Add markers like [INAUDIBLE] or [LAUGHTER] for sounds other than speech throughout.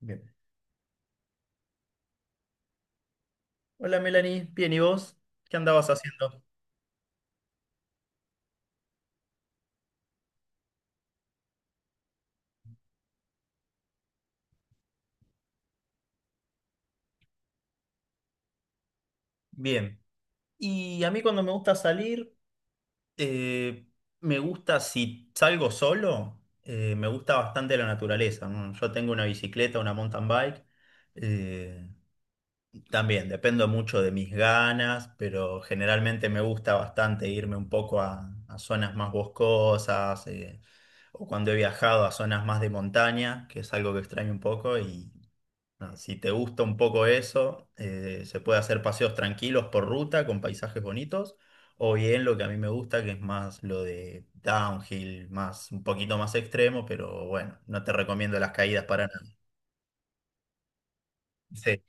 Bien. Hola Melanie, bien, ¿y vos? ¿Qué andabas haciendo? Bien. Y a mí cuando me gusta salir, eh, me gusta si salgo solo, me gusta bastante la naturaleza, ¿no? Yo tengo una bicicleta, una mountain bike. eh, También dependo mucho de mis ganas, pero generalmente me gusta bastante irme un poco a zonas más boscosas, o cuando he viajado a zonas más de montaña, que es algo que extraño un poco. Si te gusta un poco eso, se puede hacer paseos tranquilos por ruta con paisajes bonitos, o bien lo que a mí me gusta, que es más lo de downhill, más un poquito más extremo, pero bueno, no te recomiendo las caídas para nada. Sí,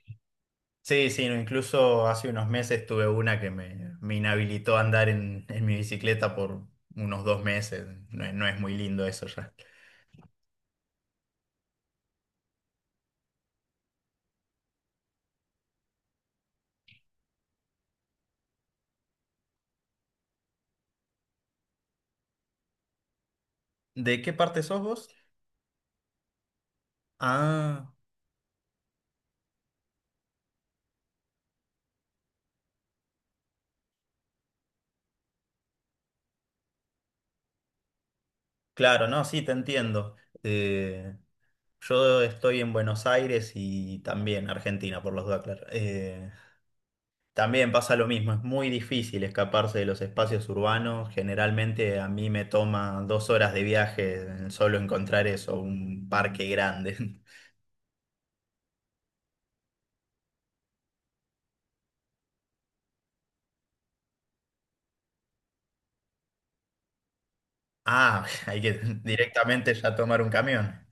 sí, sí, no, incluso hace unos meses tuve una que me inhabilitó a andar en mi bicicleta por unos 2 meses. No, no es muy lindo eso ya. ¿De qué parte sos vos? Ah, claro, no, sí, te entiendo. Eh, Yo estoy en Buenos Aires y también Argentina, por los dudas, claro. También pasa lo mismo, es muy difícil escaparse de los espacios urbanos. Generalmente a mí me toma 2 horas de viaje solo encontrar eso, un parque grande. [LAUGHS] Ah, [LAUGHS] hay que directamente ya tomar un camión.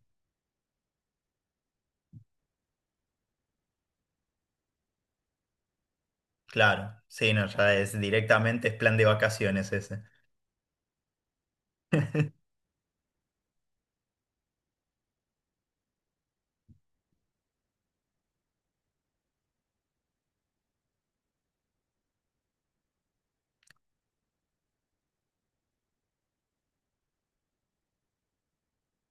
Claro, sí, no, ya es directamente es plan de vacaciones ese. [LAUGHS]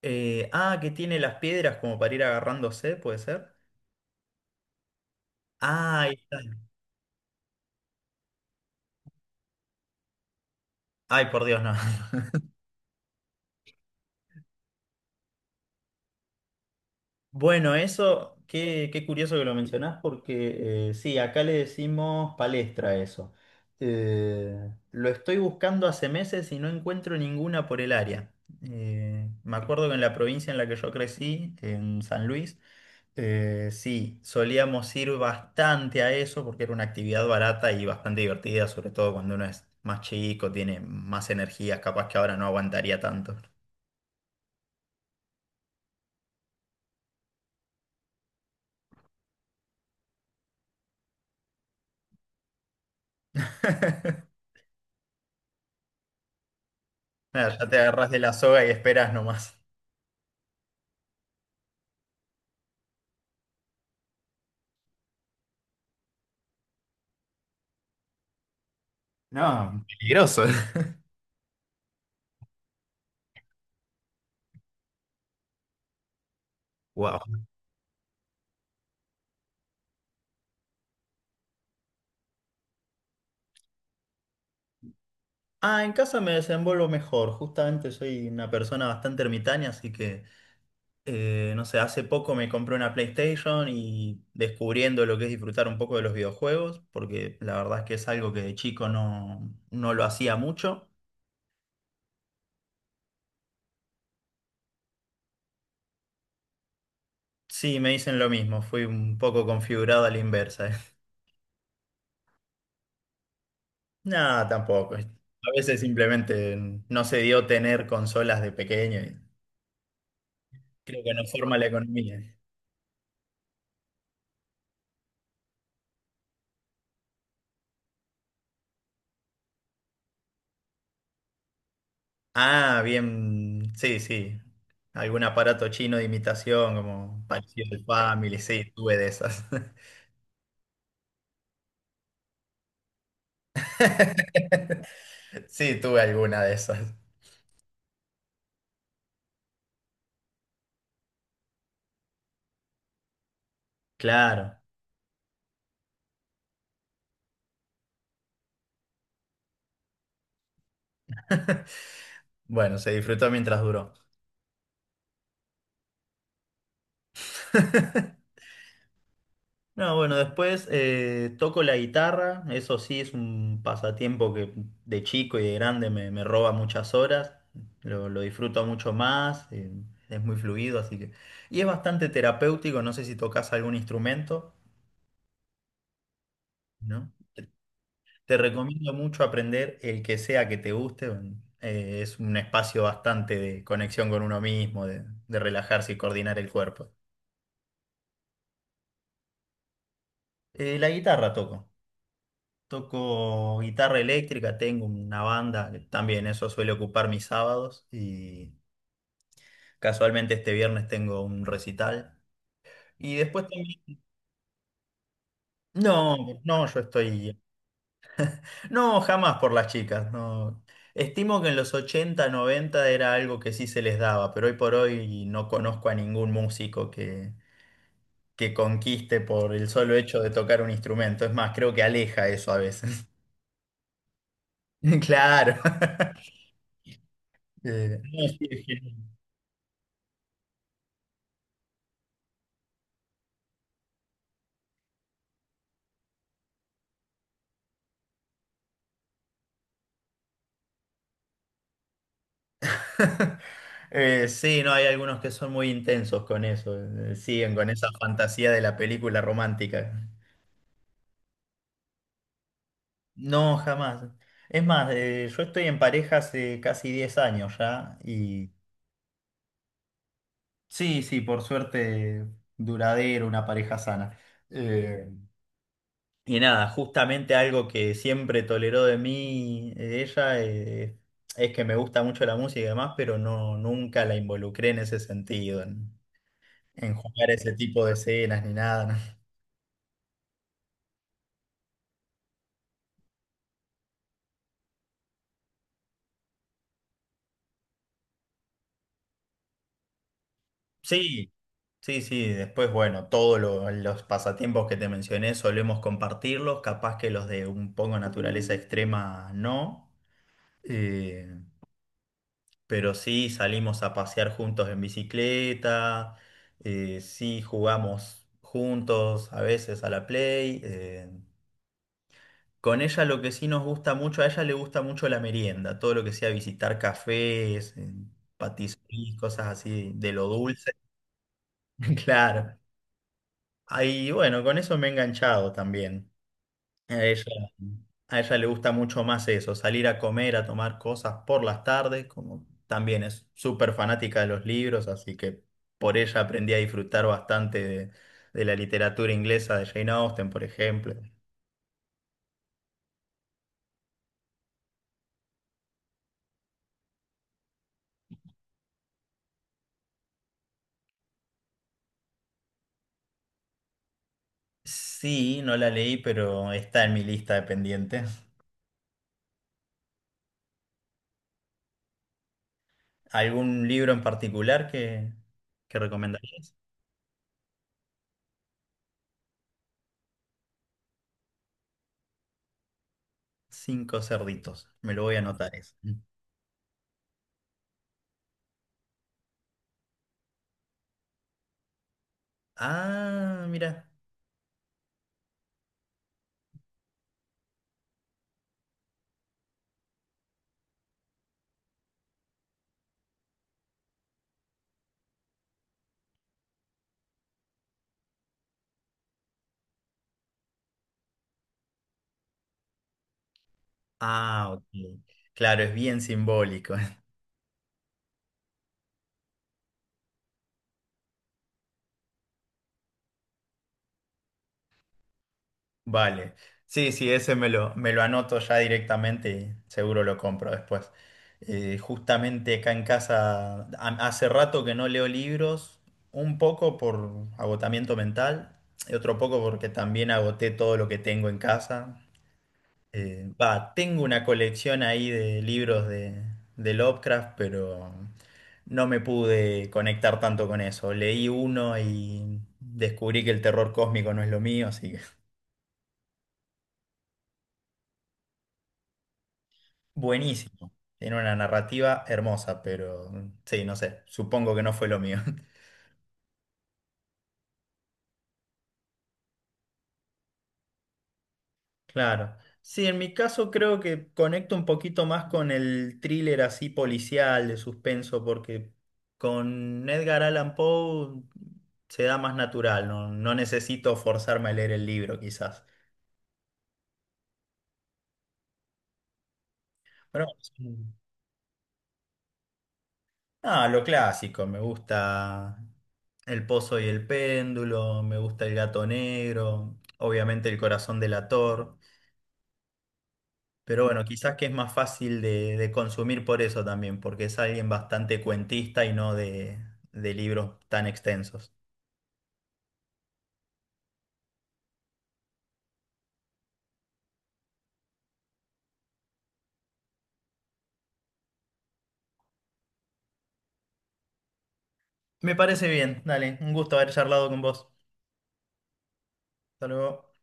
Ah, que tiene las piedras como para ir agarrándose, ¿puede ser? Ah, ahí está. Ay, por Dios, no. [LAUGHS] Bueno, eso, qué curioso que lo mencionás, porque sí, acá le decimos palestra a eso. Lo estoy buscando hace meses y no encuentro ninguna por el área. Me acuerdo que en la provincia en la que yo crecí, en San Luis, sí, solíamos ir bastante a eso porque era una actividad barata y bastante divertida, sobre todo cuando uno es más chico, tiene más energías, capaz que ahora no aguantaría tanto. [LAUGHS] Nada, ya te agarrás de la soga y esperas nomás. No, peligroso. [LAUGHS] Wow. Ah, en casa me desenvuelvo mejor. Justamente soy una persona bastante ermitaña, así que, no sé, hace poco me compré una PlayStation y descubriendo lo que es disfrutar un poco de los videojuegos, porque la verdad es que es algo que de chico no, no lo hacía mucho. Sí, me dicen lo mismo, fui un poco configurado a la inversa. [LAUGHS] Nada, tampoco. A veces simplemente no se dio tener consolas de pequeño y creo que no forma la economía. Ah, bien, sí, sí. Algún aparato chino de imitación, como parecido al Family, sí, tuve de esas. [LAUGHS] Sí, tuve alguna de esas. Claro. Bueno, se disfrutó mientras duró. [LAUGHS] No, bueno, después toco la guitarra, eso sí es un pasatiempo que de chico y de grande me roba muchas horas, lo disfruto mucho más, es muy fluido, así que... Y es bastante terapéutico, no sé si tocas algún instrumento, ¿no? Te recomiendo mucho aprender el que sea que te guste. Es un espacio bastante de conexión con uno mismo, de relajarse y coordinar el cuerpo. La guitarra toco. Toco guitarra eléctrica, tengo una banda, que también eso suele ocupar mis sábados y casualmente este viernes tengo un recital. Y después también... No, no, yo estoy. No, jamás por las chicas, no. Estimo que en los 80 90 era algo que sí se les daba, pero hoy por hoy no conozco a ningún músico que conquiste por el solo hecho de tocar un instrumento. Es más, creo que aleja eso a veces. [LAUGHS] Claro. [LAUGHS] No, sí, es que- [LAUGHS] Sí, no, hay algunos que son muy intensos con eso, siguen con esa fantasía de la película romántica. No, jamás. Es más, yo estoy en pareja hace casi 10 años ya. Sí, sí, por suerte duradero, una pareja sana. Eh, y nada, justamente algo que siempre toleró de mí ella es que me gusta mucho la música y demás, pero no, nunca la involucré en ese sentido, en jugar ese tipo de escenas ni nada. ¿No? Sí, sí, sí, después, bueno, todos los pasatiempos que te mencioné solemos compartirlos, capaz que los de un poco naturaleza extrema no. Eh, Pero sí salimos a pasear juntos en bicicleta, sí jugamos juntos a veces a la Play. Con ella lo que sí nos gusta mucho, a ella le gusta mucho la merienda, todo lo que sea visitar cafés, patisseries, cosas así de lo dulce. [LAUGHS] Claro. Ahí, bueno, con eso me he enganchado también. A ella, a ella le gusta mucho más eso, salir a comer, a tomar cosas por las tardes, como también es súper fanática de los libros, así que por ella aprendí a disfrutar bastante de la literatura inglesa de Jane Austen, por ejemplo. Sí, no la leí, pero está en mi lista de pendientes. ¿Algún libro en particular que recomendarías? Cinco cerditos, me lo voy a anotar eso. Ah, mira. Ah, ok. Claro, es bien simbólico. [LAUGHS] Vale. Sí, sí, ese me me lo anoto ya directamente y seguro lo compro después. Justamente acá en casa, hace rato que no leo libros, un poco por agotamiento mental y otro poco porque también agoté todo lo que tengo en casa. Va, tengo una colección ahí de libros de Lovecraft, pero no me pude conectar tanto con eso. Leí uno y descubrí que el terror cósmico no es lo mío, así que... Buenísimo. Tiene una narrativa hermosa, pero mm, sí, no sé, supongo que no fue lo mío. [LAUGHS] Claro. Sí, en mi caso creo que conecto un poquito más con el thriller así policial de suspenso, porque con Edgar Allan Poe se da más natural, no, no necesito forzarme a leer el libro quizás. Pero mm, ah, lo clásico, me gusta El Pozo y el Péndulo, me gusta El Gato Negro, obviamente El Corazón Delator. Pero bueno, quizás que es más fácil de consumir por eso también, porque es alguien bastante cuentista y no de libros tan extensos. Me parece bien, dale, un gusto haber charlado con vos. Hasta luego.